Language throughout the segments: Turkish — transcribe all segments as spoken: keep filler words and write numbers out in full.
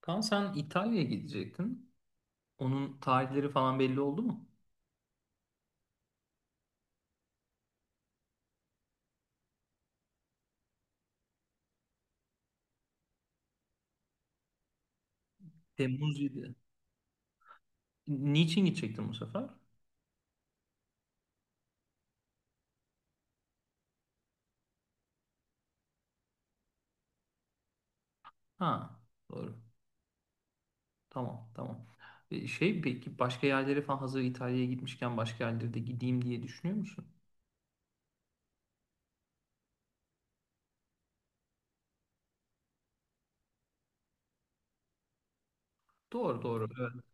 Kaan sen İtalya'ya gidecektin. Onun tarihleri falan belli oldu mu? Temmuz yedi. Niçin gidecektin bu sefer? Ha, doğru. Tamam, tamam. E, Şey peki başka yerlere falan hazır İtalya'ya gitmişken başka yerlere de gideyim diye düşünüyor musun? Doğru, doğru. Evet.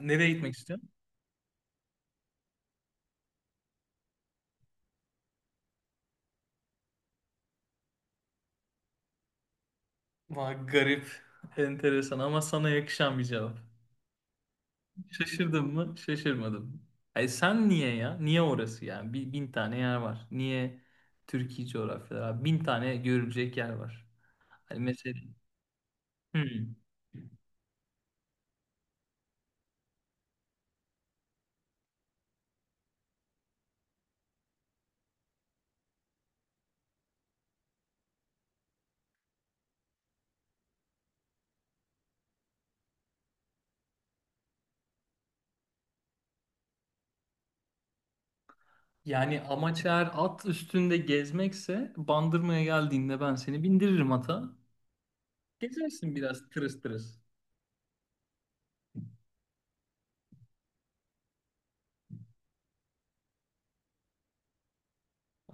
Nereye gitmek istiyorsun? Vay garip, enteresan ama sana yakışan bir cevap. Şaşırdın mı? Şaşırmadım. Ay sen niye ya? Niye orası yani? Bir, bin tane yer var. Niye Türkiye coğrafyaları? Abi? Bin tane görülecek yer var. Hani mesela. Hmm. Yani amaç eğer at üstünde gezmekse Bandırma'ya geldiğinde ben seni bindiririm ata. Gezersin biraz tırıs tırıs.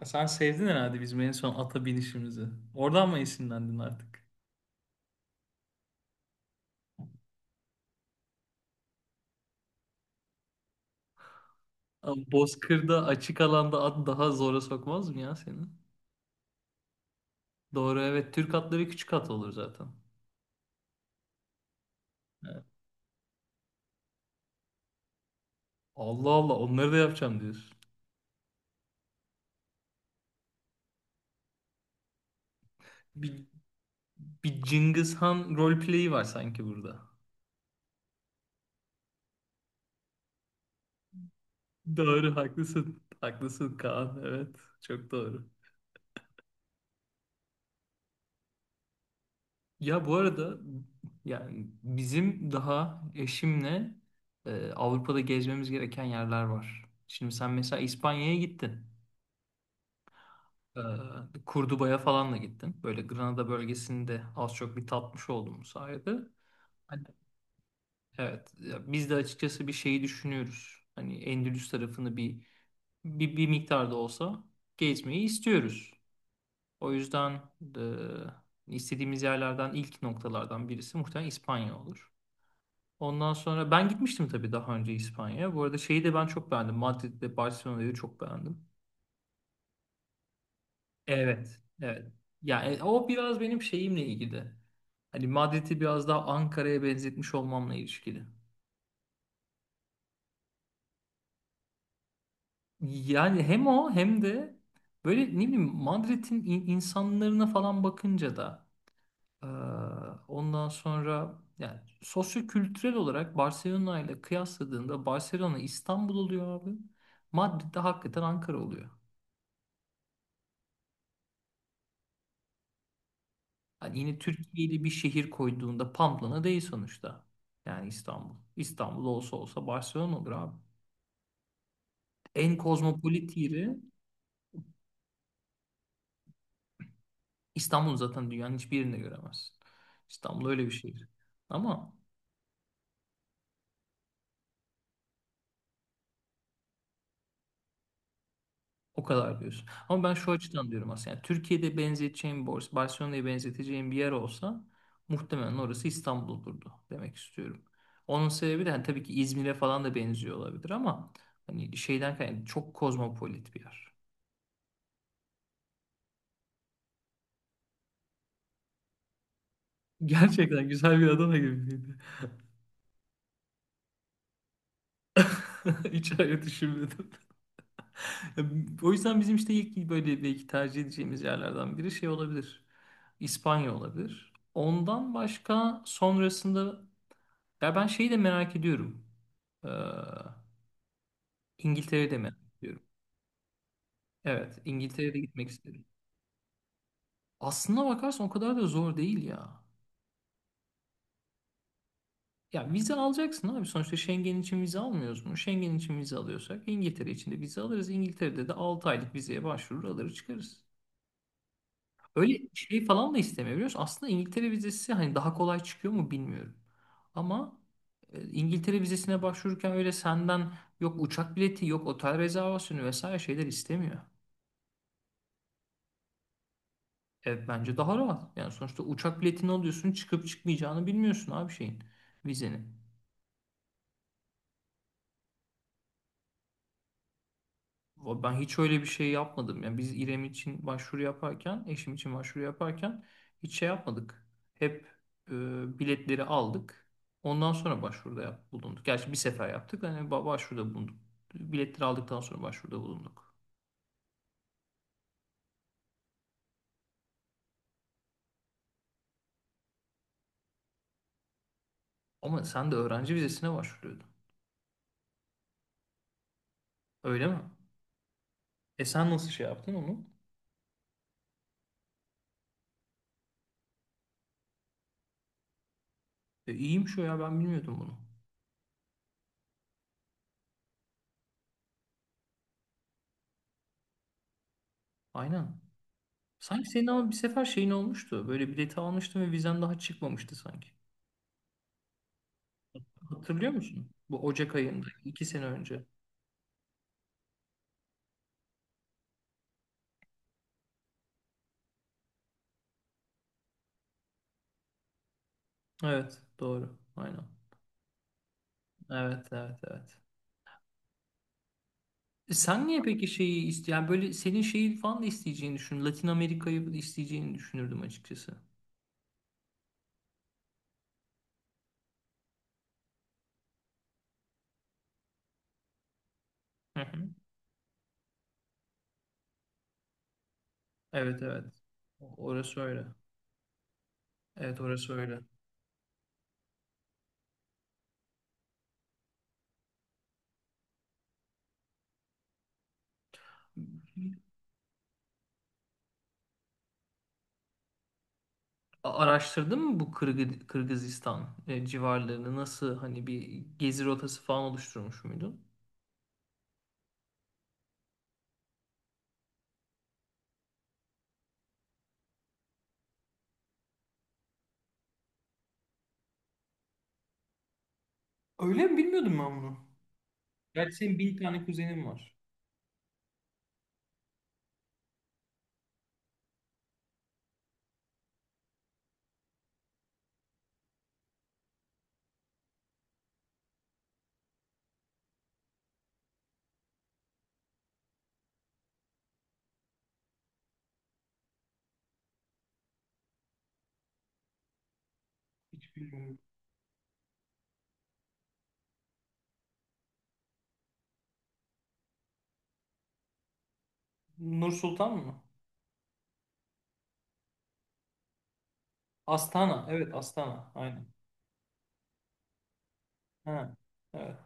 Ya sen sevdin herhalde bizim en son ata binişimizi. Oradan mı esinlendin artık? Ama Bozkır'da açık alanda at daha zora sokmaz mı ya seni? Doğru, evet. Türk atları küçük at olur zaten. Evet. Allah Allah, onları da yapacağım diyorsun. Bir, bir Cengiz Han roleplay'i var sanki burada. Doğru, haklısın. Haklısın Kaan. Evet. Çok doğru. Ya bu arada yani bizim daha eşimle e, Avrupa'da gezmemiz gereken yerler var. Şimdi sen mesela İspanya'ya gittin. E, Kurduba'ya falan da gittin. Böyle Granada bölgesini de az çok bir tatmış oldum bu sayede. Evet, ya biz de açıkçası bir şeyi düşünüyoruz. Hani Endülüs tarafını bir bir, bir miktar olsa gezmeyi istiyoruz. O yüzden e, istediğimiz yerlerden ilk noktalardan birisi muhtemelen İspanya olur. Ondan sonra ben gitmiştim tabii daha önce İspanya'ya. Bu arada şeyi de ben çok beğendim. Madrid'de Barcelona'yı çok beğendim. Evet, evet. Yani o biraz benim şeyimle ilgili. Hani Madrid'i biraz daha Ankara'ya benzetmiş olmamla ilişkili. Yani hem o hem de böyle ne bileyim Madrid'in in- insanlarına falan bakınca da eee, ondan sonra yani sosyokültürel olarak Barcelona ile kıyasladığında Barcelona İstanbul oluyor abi. Madrid de hakikaten Ankara oluyor. Hani yine Türkiye ile bir şehir koyduğunda Pamplona değil sonuçta. Yani İstanbul. İstanbul olsa olsa Barcelona olur abi. En kozmopolit yeri İstanbul, zaten dünyanın hiçbir yerinde göremezsin. İstanbul öyle bir şehir. Ama o kadar diyorsun. Ama ben şu açıdan diyorum aslında. Yani Türkiye'de benzeteceğim borsa, Barcelona'ya benzeteceğim bir yer olsa muhtemelen orası İstanbul olurdu demek istiyorum. Onun sebebi de hani tabii ki İzmir'e falan da benziyor olabilir ama hani şeyden kaynaklı çok kozmopolit bir yer. Gerçekten güzel bir Adana gibiydi. Hiç öyle düşünmedim. O yüzden bizim işte ilk böyle belki tercih edeceğimiz yerlerden biri şey olabilir. İspanya olabilir. Ondan başka sonrasında ya ben şeyi de merak ediyorum. Ee, İngiltere'yi de merak ediyorum. Evet, İngiltere'de gitmek isterim. Aslına bakarsan o kadar da zor değil ya. Ya vize alacaksın abi. Sonuçta Schengen için vize almıyoruz mu? Schengen için vize alıyorsak İngiltere için de vize alırız. İngiltere'de de altı aylık vizeye başvurur alır çıkarız. Öyle şey falan da istemiyor biliyor musun? Aslında İngiltere vizesi hani daha kolay çıkıyor mu bilmiyorum. Ama e, İngiltere vizesine başvururken öyle senden yok uçak bileti yok otel rezervasyonu vesaire şeyler istemiyor. Evet, bence daha rahat. Yani sonuçta uçak biletini alıyorsun çıkıp çıkmayacağını bilmiyorsun abi şeyin vizenin. Ben hiç öyle bir şey yapmadım. Yani biz İrem için başvuru yaparken, eşim için başvuru yaparken hiç şey yapmadık. Hep e, biletleri aldık. Ondan sonra başvuruda yap- bulunduk. Gerçi bir sefer yaptık. Hani ba- başvuruda bulunduk. Biletleri aldıktan sonra başvuruda bulunduk. Ama sen de öğrenci vizesine başvuruyordun. Öyle mi? E sen nasıl şey yaptın onu? E, iyiymiş o ya, ben bilmiyordum bunu. Aynen. Sanki senin ama bir sefer şeyin olmuştu. Böyle bileti almıştın ve vizen daha çıkmamıştı sanki. Hatırlıyor musun? Bu Ocak ayında iki sene önce. Evet, doğru. Aynen. Evet, evet, evet. E Sen niye peki şeyi iste yani böyle senin şeyi falan da isteyeceğini düşün. Latin Amerika'yı da isteyeceğini düşünürdüm açıkçası. Hı hı. Evet, evet. Orası öyle. Evet, orası öyle. A- Araştırdın mı bu Kırgı- Kırgızistan e, civarlarını, nasıl hani bir gezi rotası falan oluşturmuş muydun? Öyle mi, bilmiyordum ben bunu. Gerçi senin bin tane kuzenin var. Hiç bilmiyorum. Nur Sultan mı? Astana. Evet, Astana. Aynen. Ha. Evet.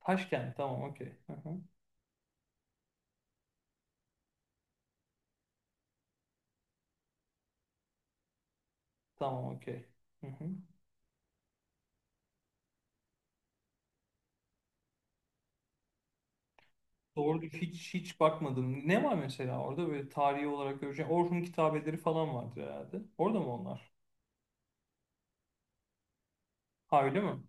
Taşkent. Tamam, okey. Hı hı. Tamam, okey. Hı hı. Doğru, hiç hiç bakmadım. Ne var mesela orada böyle tarihi olarak göreceğim. Orhun kitabeleri falan vardır herhalde. Orada mı onlar? Ha, öyle mi?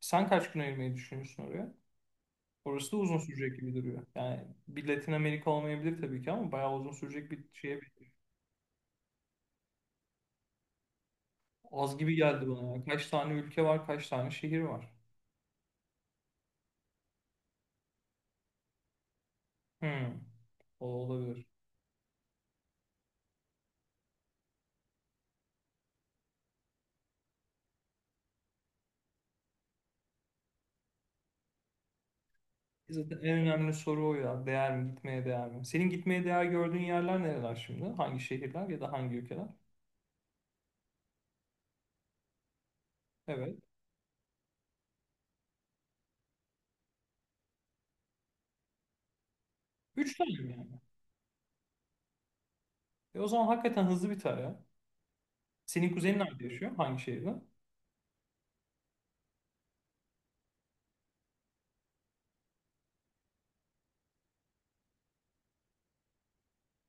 Sen kaç gün ayırmayı düşünüyorsun oraya? Orası da uzun sürecek gibi duruyor. Yani bir Latin Amerika olmayabilir tabii ki ama bayağı uzun sürecek bir şeye benziyor. Az gibi geldi bana ya. Kaç tane ülke var, kaç tane şehir var. Hmm. O olabilir. Zaten en önemli soru o ya. Değer mi? Gitmeye değer mi? Senin gitmeye değer gördüğün yerler nereler şimdi? Hangi şehirler ya da hangi ülkeler? Evet. Üç tane mi yani. E o zaman hakikaten hızlı biter ya. Senin kuzenin nerede yaşıyor? Hangi şehirde?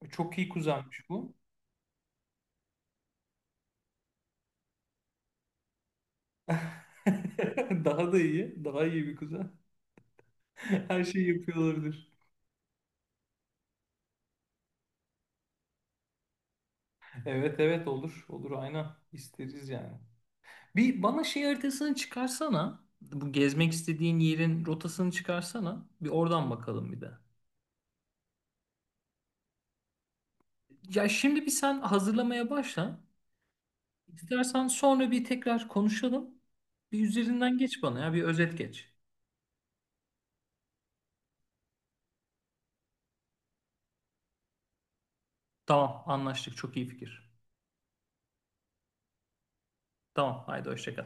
E, Çok iyi kuzenmiş bu. Daha da iyi. Daha iyi bir kuzen. Her şeyi yapıyor olabilir. Evet, evet, olur. Olur, aynen. İsteriz yani. Bir bana şey haritasını çıkarsana. Bu gezmek istediğin yerin rotasını çıkarsana. Bir oradan bakalım bir de. Ya şimdi bir sen hazırlamaya başla. İstersen sonra bir tekrar konuşalım. Bir üzerinden geç bana ya, bir özet geç. Tamam, anlaştık, çok iyi fikir. Tamam, haydi hoşça kal.